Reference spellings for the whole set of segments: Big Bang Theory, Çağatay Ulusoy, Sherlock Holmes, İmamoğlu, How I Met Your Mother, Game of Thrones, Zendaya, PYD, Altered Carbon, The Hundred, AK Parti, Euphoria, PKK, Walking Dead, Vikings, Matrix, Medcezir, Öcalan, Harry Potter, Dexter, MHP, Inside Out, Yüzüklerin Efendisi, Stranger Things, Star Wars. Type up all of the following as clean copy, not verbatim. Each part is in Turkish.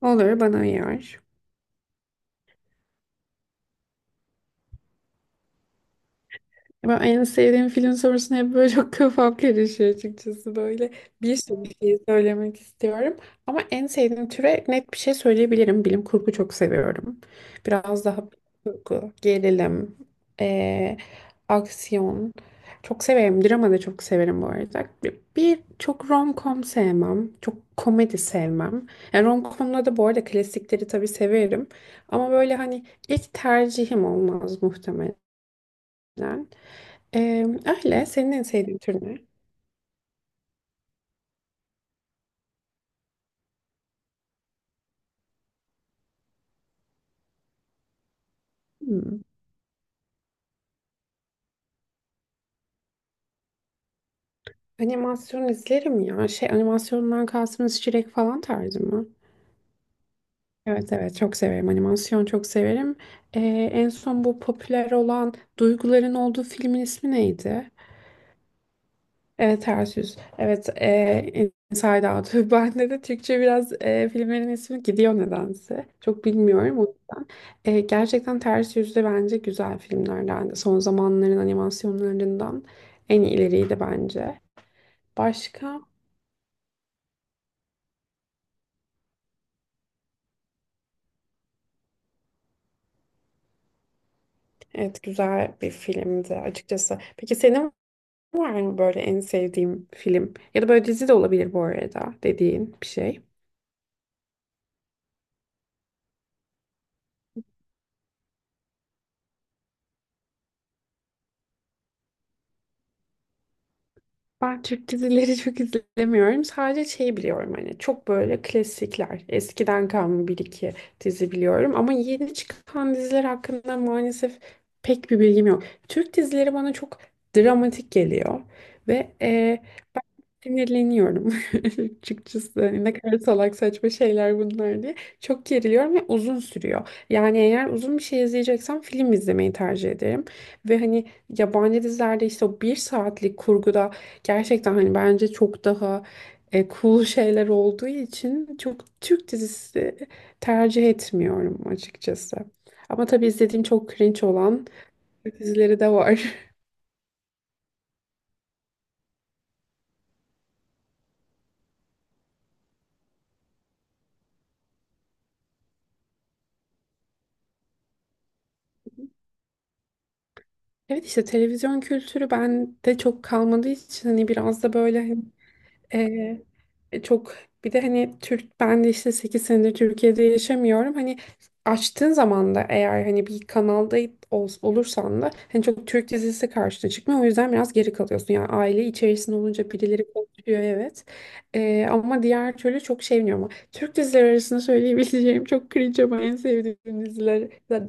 Olur bana uyar. Ben en sevdiğim film sorusuna hep böyle çok kafam karışıyor açıkçası böyle. Bir sürü şey söylemek istiyorum. Ama en sevdiğim türe net bir şey söyleyebilirim. Bilim kurgu çok seviyorum. Biraz daha kurgu, gerilim, eee, aksiyon. Çok severim. Drama da çok severim bu arada. Bir çok rom-com sevmem. Çok komedi sevmem. Yani rom-com'da da bu arada klasikleri tabii severim. Ama böyle hani İlk tercihim olmaz muhtemelen. Güzel. Ee, öyle. Senin en sevdiğin tür ne? Hmm. Animasyon izlerim ya. Şey, animasyondan kastınız Çilek falan tarzı mı? Evet, evet, çok severim. Animasyon çok severim. Ee, en son bu popüler olan duyguların olduğu filmin ismi neydi? Evet, ters yüz. Evet, Inside Out. Bende de Türkçe biraz, filmlerin ismi gidiyor nedense. Çok bilmiyorum. Gerçekten ters yüz de bence güzel filmlerden. Son zamanların animasyonlarından en ileriydi bence. Başka? Evet, güzel bir filmdi açıkçası. Peki senin var mı böyle en sevdiğin film? Ya da böyle dizi de olabilir bu arada, dediğin bir şey. Ben Türk dizileri çok izlemiyorum. Sadece şey biliyorum, hani çok böyle klasikler. Eskiden kalma bir iki dizi biliyorum. Ama yeni çıkan diziler hakkında maalesef pek bir bilgim yok. Türk dizileri bana çok dramatik geliyor. Ve sinirleniyorum açıkçası. Hani ne kadar salak saçma şeyler bunlar diye. Çok geriliyorum ve uzun sürüyor. Yani eğer uzun bir şey izleyeceksem film izlemeyi tercih ederim. Ve hani yabancı dizilerde işte o bir saatlik kurguda gerçekten hani bence çok daha cool şeyler olduğu için çok Türk dizisi tercih etmiyorum açıkçası. Ama tabii izlediğim çok cringe olan Türk dizileri de var. Evet, işte televizyon kültürü bende çok kalmadığı için hani biraz da böyle hani, çok bir de hani Türk, ben de işte 8 senedir Türkiye'de yaşamıyorum. Hani açtığın zaman da eğer hani bir kanalda olursan da hani çok Türk dizisi karşına çıkmıyor. O yüzden biraz geri kalıyorsun. Yani aile içerisinde olunca birileri konuşuyor, evet. Ama diğer türlü çok şey bilmiyorum. Ama Türk dizileri arasında söyleyebileceğim çok cringe ama en sevdiğim diziler,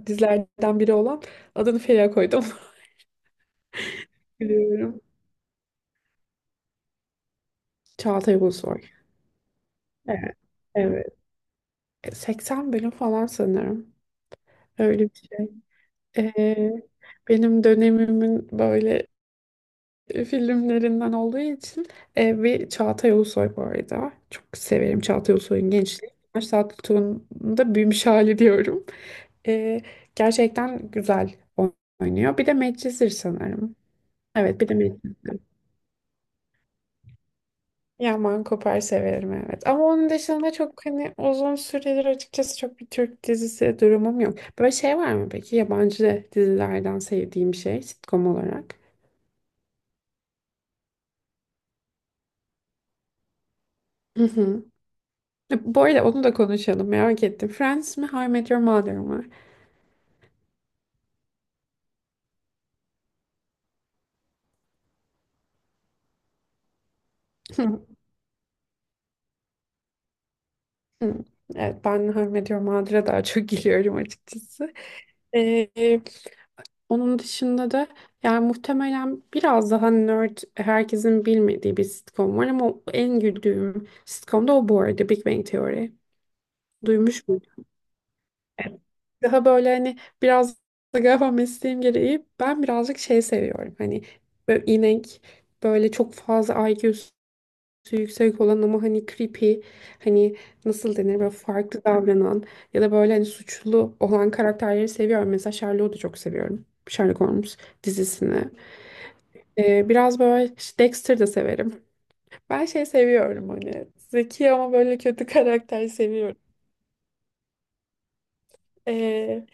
dizilerden biri olan adını Feriha koydum. Biliyorum. Çağatay Ulusoy. Evet, evet. 80 bölüm falan sanırım. Öyle bir şey. E, benim dönemimin böyle filmlerinden olduğu için, ve Çağatay Ulusoy bu arada. Çok severim Çağatay Ulusoy'un gençliği. Yaş Saat Tuğ'un da büyümüş hali diyorum. E, gerçekten güzel oynuyor. Bir de Medcezir sanırım. Evet, bir de Medcezir. Ya Mankoper severim, evet. Ama onun dışında çok hani, uzun süredir açıkçası çok bir Türk dizisi durumum yok. Böyle şey var mı peki yabancı dizilerden sevdiğim, şey, sitcom olarak? Hı hı. Bu arada onu da konuşalım, merak ettim. Friends mi, How I Met Your Mother mı? Evet, ben How I Met Your Mother'a daha çok gülüyorum açıkçası. Onun dışında da yani muhtemelen biraz daha nerd, herkesin bilmediği bir sitcom var ama en güldüğüm sitcom da o bu arada, Big Bang Theory. Duymuş muydun? Evet. Daha böyle hani biraz da galiba mesleğim gereği ben birazcık şey seviyorum. Hani böyle inek, böyle çok fazla IQ'su yüksek olan ama hani creepy, hani nasıl denir, böyle farklı davranan ya da böyle hani suçlu olan karakterleri seviyorum. Mesela Sherlock'u da çok seviyorum. Sherlock Holmes dizisini. Biraz böyle Dexter de severim. Ben şey seviyorum, hani zeki ama böyle kötü karakter seviyorum. Ee,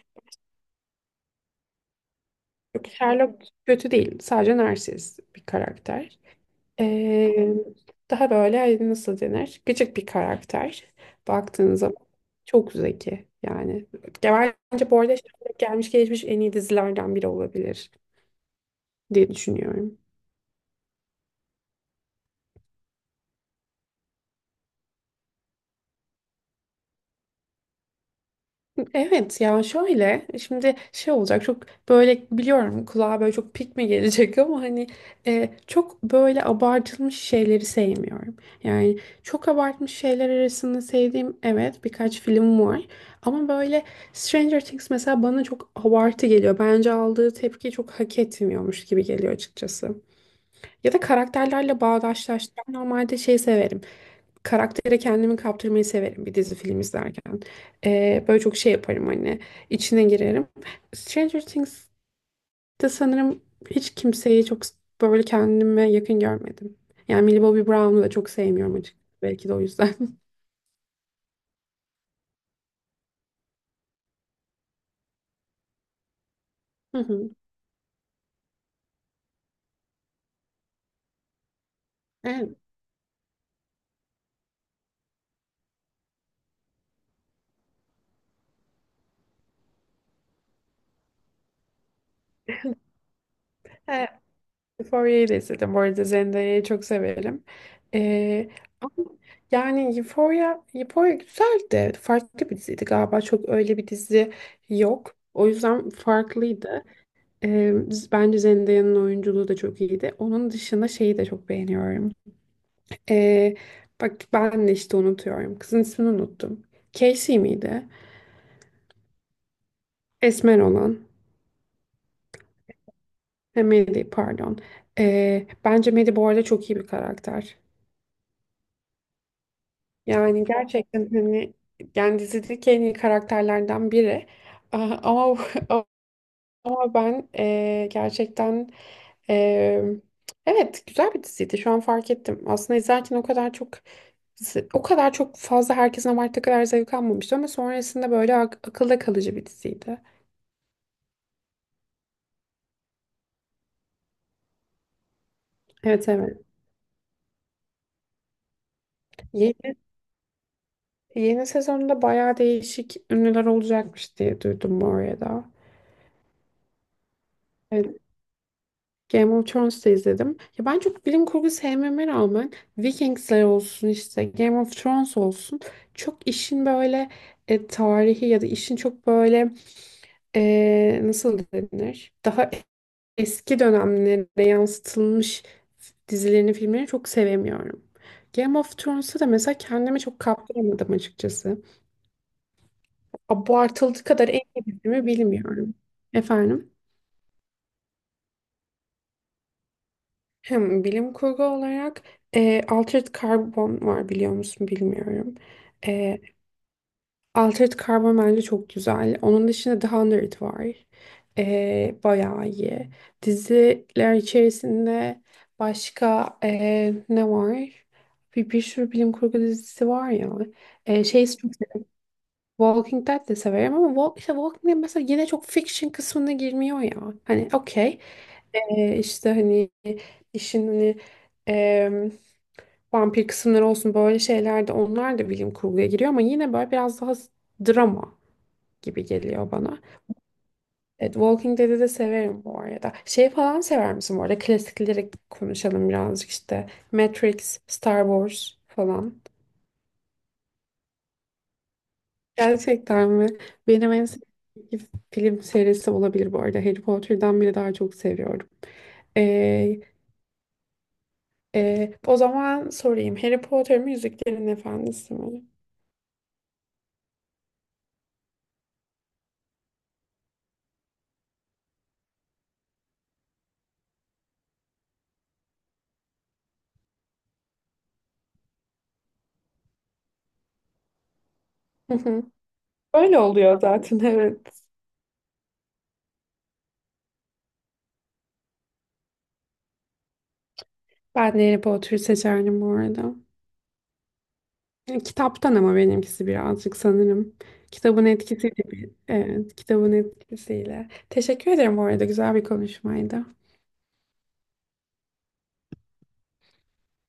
yok, Sherlock kötü değil. Sadece narsist bir karakter. Ee, daha böyle, hani nasıl denir? Gıcık bir karakter. Baktığınız zaman çok zeki yani. Ya bence bu arada Sherlock gelmiş geçmiş en iyi dizilerden biri olabilir diye düşünüyorum. Evet, ya şöyle şimdi şey olacak, çok böyle, biliyorum kulağa böyle çok pik mi gelecek ama hani çok böyle abartılmış şeyleri sevmiyorum. Yani çok abartmış şeyler arasında sevdiğim, evet, birkaç film var ama böyle Stranger Things mesela bana çok abartı geliyor. Bence aldığı tepkiyi çok hak etmiyormuş gibi geliyor açıkçası. Ya da karakterlerle bağdaşlaştıran, normalde şey severim, karaktere kendimi kaptırmayı severim bir dizi, film izlerken. Böyle çok şey yaparım, hani içine girerim. Stranger Things'te sanırım hiç kimseyi çok böyle kendime yakın görmedim. Yani Millie Bobby Brown'u da çok sevmiyorum açıkçası. Belki de o yüzden. Hı hı. Evet. Evet, Euphoria'yı da izledim. Bu arada Zendaya'yı çok severim. Ee, ama yani Euphoria güzeldi. Farklı bir diziydi galiba. Çok öyle bir dizi yok. O yüzden farklıydı. Ee, bence Zendaya'nın oyunculuğu da çok iyiydi. Onun dışında şeyi de çok beğeniyorum. Ee, bak, ben de işte unutuyorum. Kızın ismini unuttum. Casey miydi? Esmer olan. Ha, Maddie, pardon. Bence Maddie bu arada çok iyi bir karakter. Yani gerçekten hani, yani dizideki en iyi karakterlerden biri. Aa, ama ama ben gerçekten, ee, evet, güzel bir diziydi. Şu an fark ettim. Aslında izlerken o kadar çok, o kadar çok fazla, herkesin abarttığı kadar zevk almamıştı ama sonrasında böyle akılda kalıcı bir diziydi. Evet, evet. Yeni, yeni sezonda bayağı değişik ünlüler olacakmış diye duydum bu arada. Evet, Game of Thrones'ta izledim. Ya ben çok bilim kurgu sevmeme rağmen Vikingsler olsun, işte Game of Thrones olsun, çok işin böyle tarihi ya da işin çok böyle nasıl denir, daha eski dönemlere yansıtılmış dizilerini, filmlerini çok sevemiyorum. Game of Thrones'u da mesela kendime çok kaptıramadım açıkçası. Abartıldığı kadar en iyi dizimi bilmiyorum. Efendim? Hem bilim kurgu olarak Altered Carbon var, biliyor musun bilmiyorum. E, Altered Carbon bence çok güzel. Onun dışında The Hundred var. Bayağı iyi. Diziler içerisinde başka ne var? Bir sürü bilim kurgu dizisi var ya. Şey çok severim. Walking Dead de severim ama işte Walking Dead mesela yine çok fiction kısmına girmiyor ya. Hani okey. İşte hani işin, hani ee, vampir kısımları olsun, böyle şeyler, de onlar da bilim kurguya giriyor ama yine böyle biraz daha drama gibi geliyor bana. Evet, Walking Dead'i de severim bu arada. Şey falan sever misin bu arada? Klasikleri konuşalım birazcık, işte Matrix, Star Wars falan. Gerçekten mi? Benim en sevdiğim film serisi olabilir bu arada. Harry Potter'dan bile daha çok seviyorum. Ee, o zaman sorayım. Harry Potter mi Yüzüklerin Efendisi mi? Hı hı. Öyle oluyor zaten, evet. Ben de Harry Potter'ı seçerdim bu arada. Kitaptan ama benimkisi birazcık sanırım. Kitabın etkisiyle gibi. Evet, kitabın etkisiyle. Teşekkür ederim bu arada. Güzel bir konuşmaydı.